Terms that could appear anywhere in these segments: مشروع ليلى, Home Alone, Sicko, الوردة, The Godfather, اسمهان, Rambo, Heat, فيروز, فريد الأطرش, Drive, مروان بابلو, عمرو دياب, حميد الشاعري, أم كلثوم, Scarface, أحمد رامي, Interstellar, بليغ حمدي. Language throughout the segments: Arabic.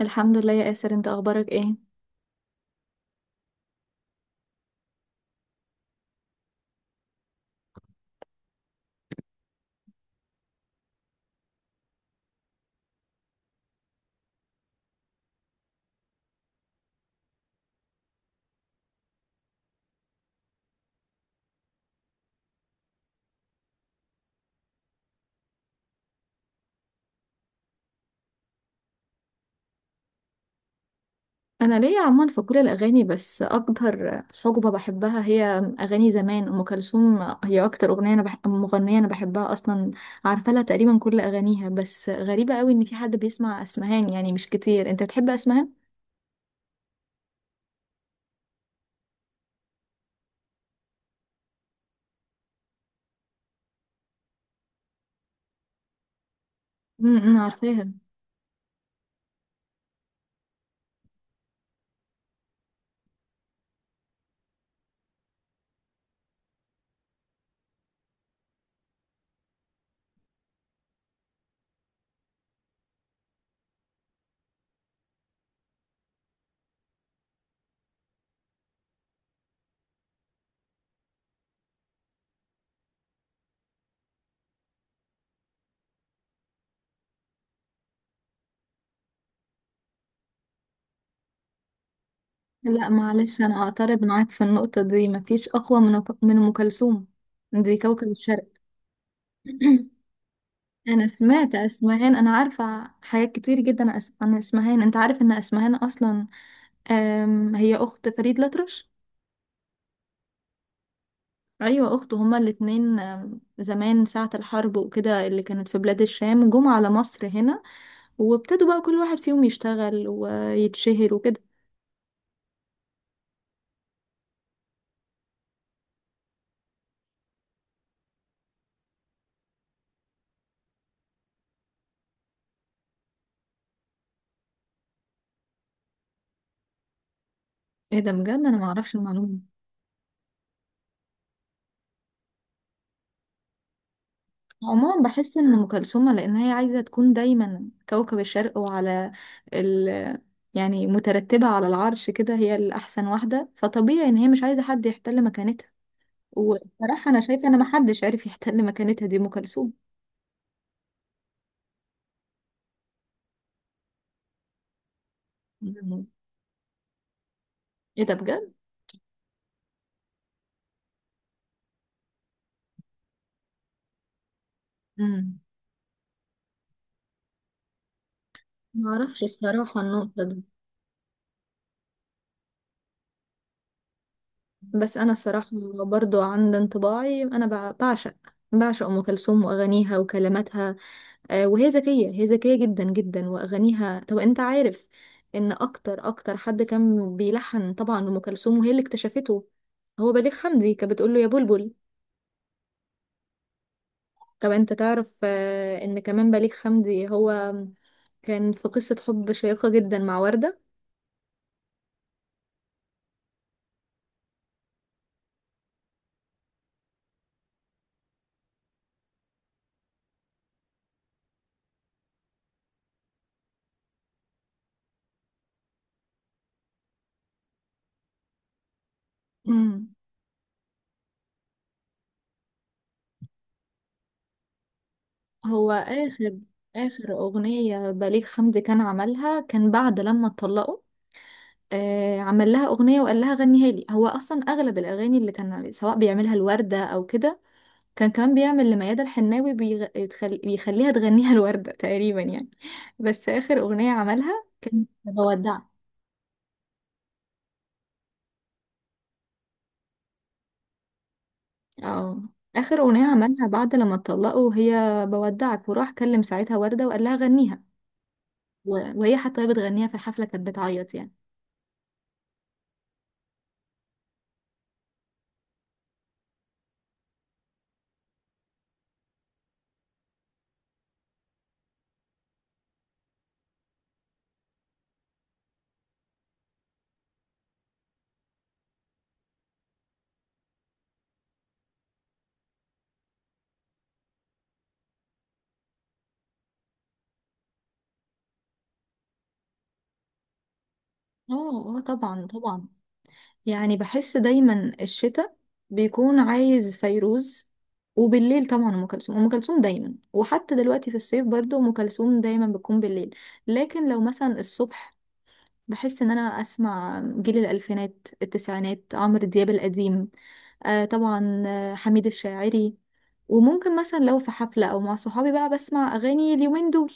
الحمد لله يا آسر، انت اخبارك ايه؟ انا ليا عموما في كل الاغاني، بس اكتر حقبه بحبها هي اغاني زمان ام كلثوم. هي اكتر مغنيه انا بحبها اصلا. عارفه لها تقريبا كل اغانيها، بس غريبه قوي ان في حد بيسمع اسمهان. يعني مش كتير، انت بتحب اسمهان؟ عارفاها. لا معلش، انا اعترض معاك في النقطه دي، مفيش اقوى من ام كلثوم. دي كوكب الشرق. انا سمعت اسمهان، انا عارفه حاجات كتير جدا عن اسمهان. انت عارف ان اسمهان اصلا، هي اخت فريد الأطرش. ايوه، اخته. هما الاتنين، زمان ساعه الحرب وكده، اللي كانت في بلاد الشام، جم على مصر هنا. وابتدوا بقى كل واحد فيهم يشتغل ويتشهر وكده. ايه ده بجد! انا معرفش المعلومه. عموما بحس ان ام كلثوم لان هي عايزه تكون دايما كوكب الشرق، وعلى ال يعني مترتبه على العرش كده، هي الاحسن واحده. فطبيعي ان هي مش عايزه حد يحتل مكانتها. وبصراحه انا شايفه ان محدش عارف يحتل مكانتها، دي ام كلثوم. مم. ايه ده بجد! ما اعرفش الصراحه النقطه دي. بس انا الصراحه، برضو عند انطباعي، انا بعشق ام كلثوم واغانيها وكلماتها. وهي ذكيه، هي ذكيه جدا جدا. واغانيها، طب انت عارف ان اكتر اكتر حد كان بيلحن طبعا ام كلثوم وهي اللي اكتشفته هو بليغ حمدي. كانت بتقول له يا بلبل. طب انت تعرف ان كمان بليغ حمدي هو كان في قصه حب شيقه جدا مع ورده. مم. هو اخر اخر اغنيه بليغ حمدي كان عملها، كان بعد لما اتطلقوا. عمل لها أغنية وقال لها غنيها لي. هو أصلا أغلب الأغاني اللي كان سواء بيعملها الوردة أو كده، كان كمان بيعمل لميادة الحناوي، بيخليها تغنيها الوردة تقريبا يعني. بس آخر أغنية عملها كانت بودعك. اه، آخر أغنية عملها بعد لما اتطلقوا هي بودعك. وراح كلم ساعتها وردة وقال لها غنيها. و... وهي حتى وهي بتغنيها في الحفلة كانت بتعيط يعني. اه، اه، طبعا، طبعا. يعني بحس دايما الشتاء بيكون عايز فيروز. وبالليل طبعا ام كلثوم، ام كلثوم دايما. وحتى دلوقتي في الصيف برضو ام كلثوم دايما بتكون بالليل. لكن لو مثلا الصبح، بحس ان انا اسمع جيل الالفينات، التسعينات، عمرو دياب القديم. آه طبعا. حميد الشاعري. وممكن مثلا لو في حفلة او مع صحابي بقى، بسمع اغاني اليومين دول.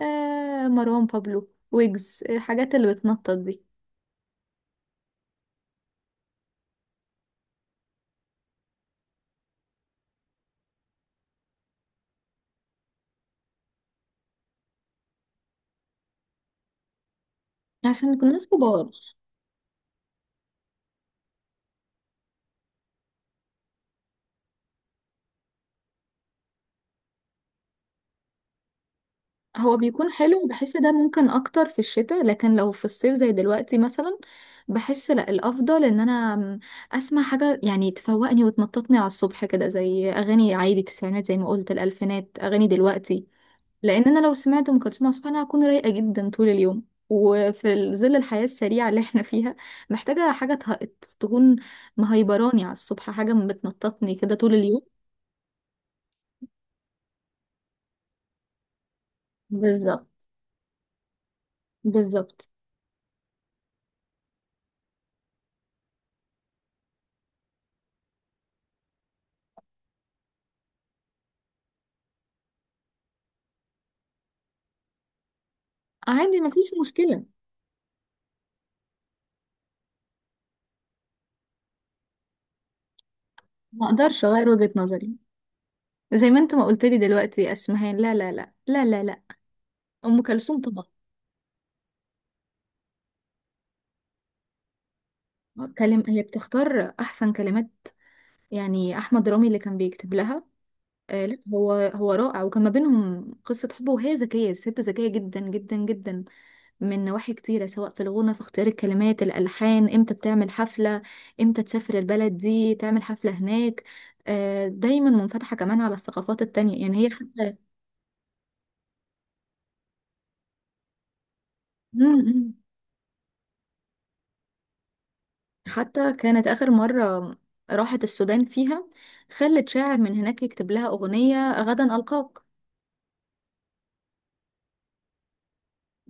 مروان بابلو ويجز، الحاجات اللي بتنطط دي. عشان نكون ناس كبار. هو بيكون حلو، بحس ده ممكن اكتر في الشتاء. لكن لو في الصيف زي دلوقتي مثلا، بحس لا، الافضل ان انا اسمع حاجه يعني تفوقني وتنططني على الصبح كده، زي اغاني عادي تسعينات، زي ما قلت الالفينات، اغاني دلوقتي. لان انا لو سمعت ام كلثوم على الصبح، انا هكون رايقه جدا طول اليوم. وفي ظل الحياه السريعه اللي احنا فيها، محتاجه حاجه تكون مهيبراني على الصبح، حاجه بتنططني كده طول اليوم. بالظبط. بالظبط. عادي، مفيش مشكله. ما اقدرش اغير وجهة نظري. زي ما انت ما قلت لي دلوقتي يا اسمهان، لا، لا، لا، لا، لا، لا. ام كلثوم طبعا. كلام، هي بتختار احسن كلمات. يعني احمد رامي اللي كان بيكتب لها. آه لا، هو رائع، وكان ما بينهم قصه حب. وهي ذكيه، الست ذكيه جدا جدا جدا. من نواحي كتيره، سواء في الغنى، في اختيار الكلمات، الالحان، امتى بتعمل حفله، امتى تسافر البلد دي تعمل حفله هناك. دايما منفتحه كمان على الثقافات التانية، يعني هي حتى. مم، مم. حتى كانت آخر مرة راحت السودان فيها، خلت شاعر من هناك يكتب لها أغنية غدا ألقاك.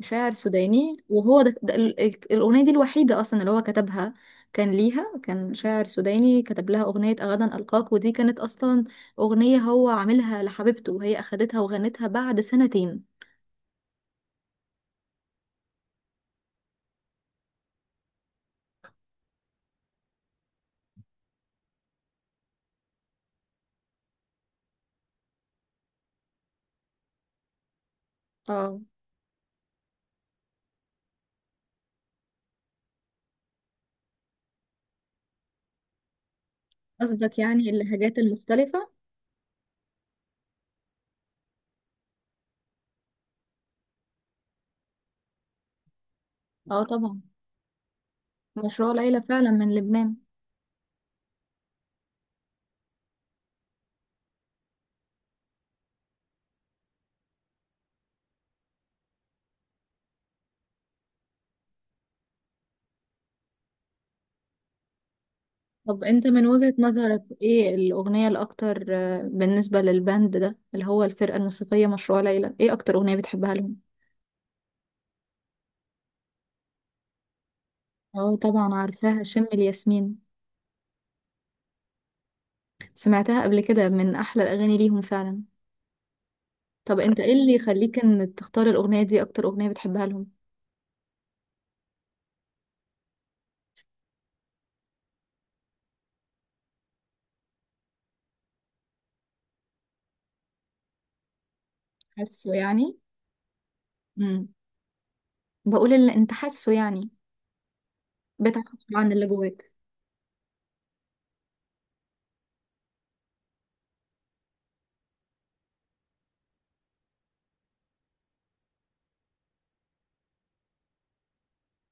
شاعر سوداني، وهو ده الأغنية دي الوحيدة أصلا اللي هو كتبها. كان شاعر سوداني كتب لها أغنية غدا ألقاك، ودي كانت أصلا أغنية هو عاملها لحبيبته، وهي أخدتها وغنتها بعد سنتين. اه، قصدك يعني اللهجات المختلفة. اه طبعا، مشروع ليلى فعلا من لبنان. طب انت من وجهة نظرك، ايه الأغنية الأكتر بالنسبة للباند ده، اللي هو الفرقة الموسيقية مشروع ليلى، ايه أكتر أغنية بتحبها لهم؟ اه طبعا، عارفاها، شم الياسمين. سمعتها قبل كده، من أحلى الأغاني ليهم فعلا. طب انت ايه اللي يخليك ان تختار الأغنية دي أكتر أغنية بتحبها لهم؟ حاسه يعني؟ امم بقول اللي انت حاسه يعني. بتعبر عن اللي جواك.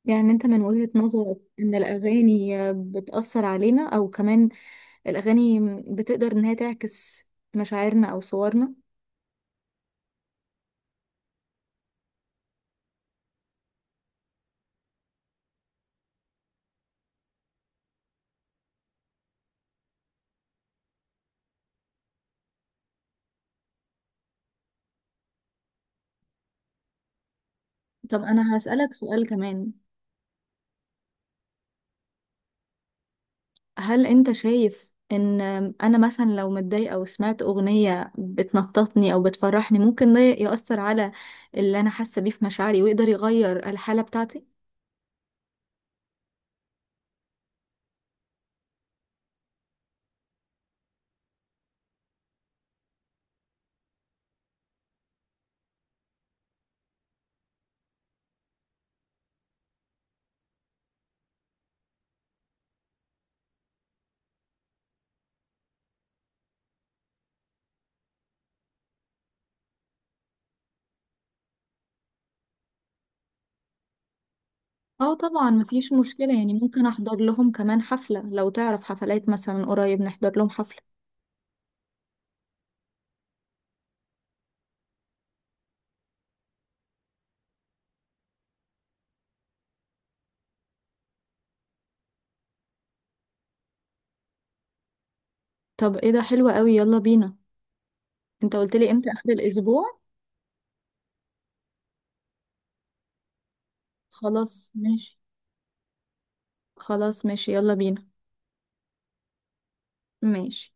يعني انت من وجهة نظرك ان الأغاني بتأثر علينا او كمان الأغاني بتقدر إن هي تعكس مشاعرنا أو صورنا؟ طب أنا هسألك سؤال كمان. هل أنت شايف إن أنا مثلا لو متضايقة وسمعت أغنية بتنططني أو بتفرحني، ممكن ده يأثر على اللي أنا حاسة بيه في مشاعري ويقدر يغير الحالة بتاعتي؟ اه طبعا، مفيش مشكلة، يعني ممكن أحضر لهم كمان حفلة. لو تعرف حفلات مثلا قريب نحضر لهم حفلة. طب ايه ده، حلو قوي، يلا بينا. انت قلت لي امتى؟ اخر الاسبوع؟ خلاص ماشي. خلاص ماشي، يلا بينا. ماشي.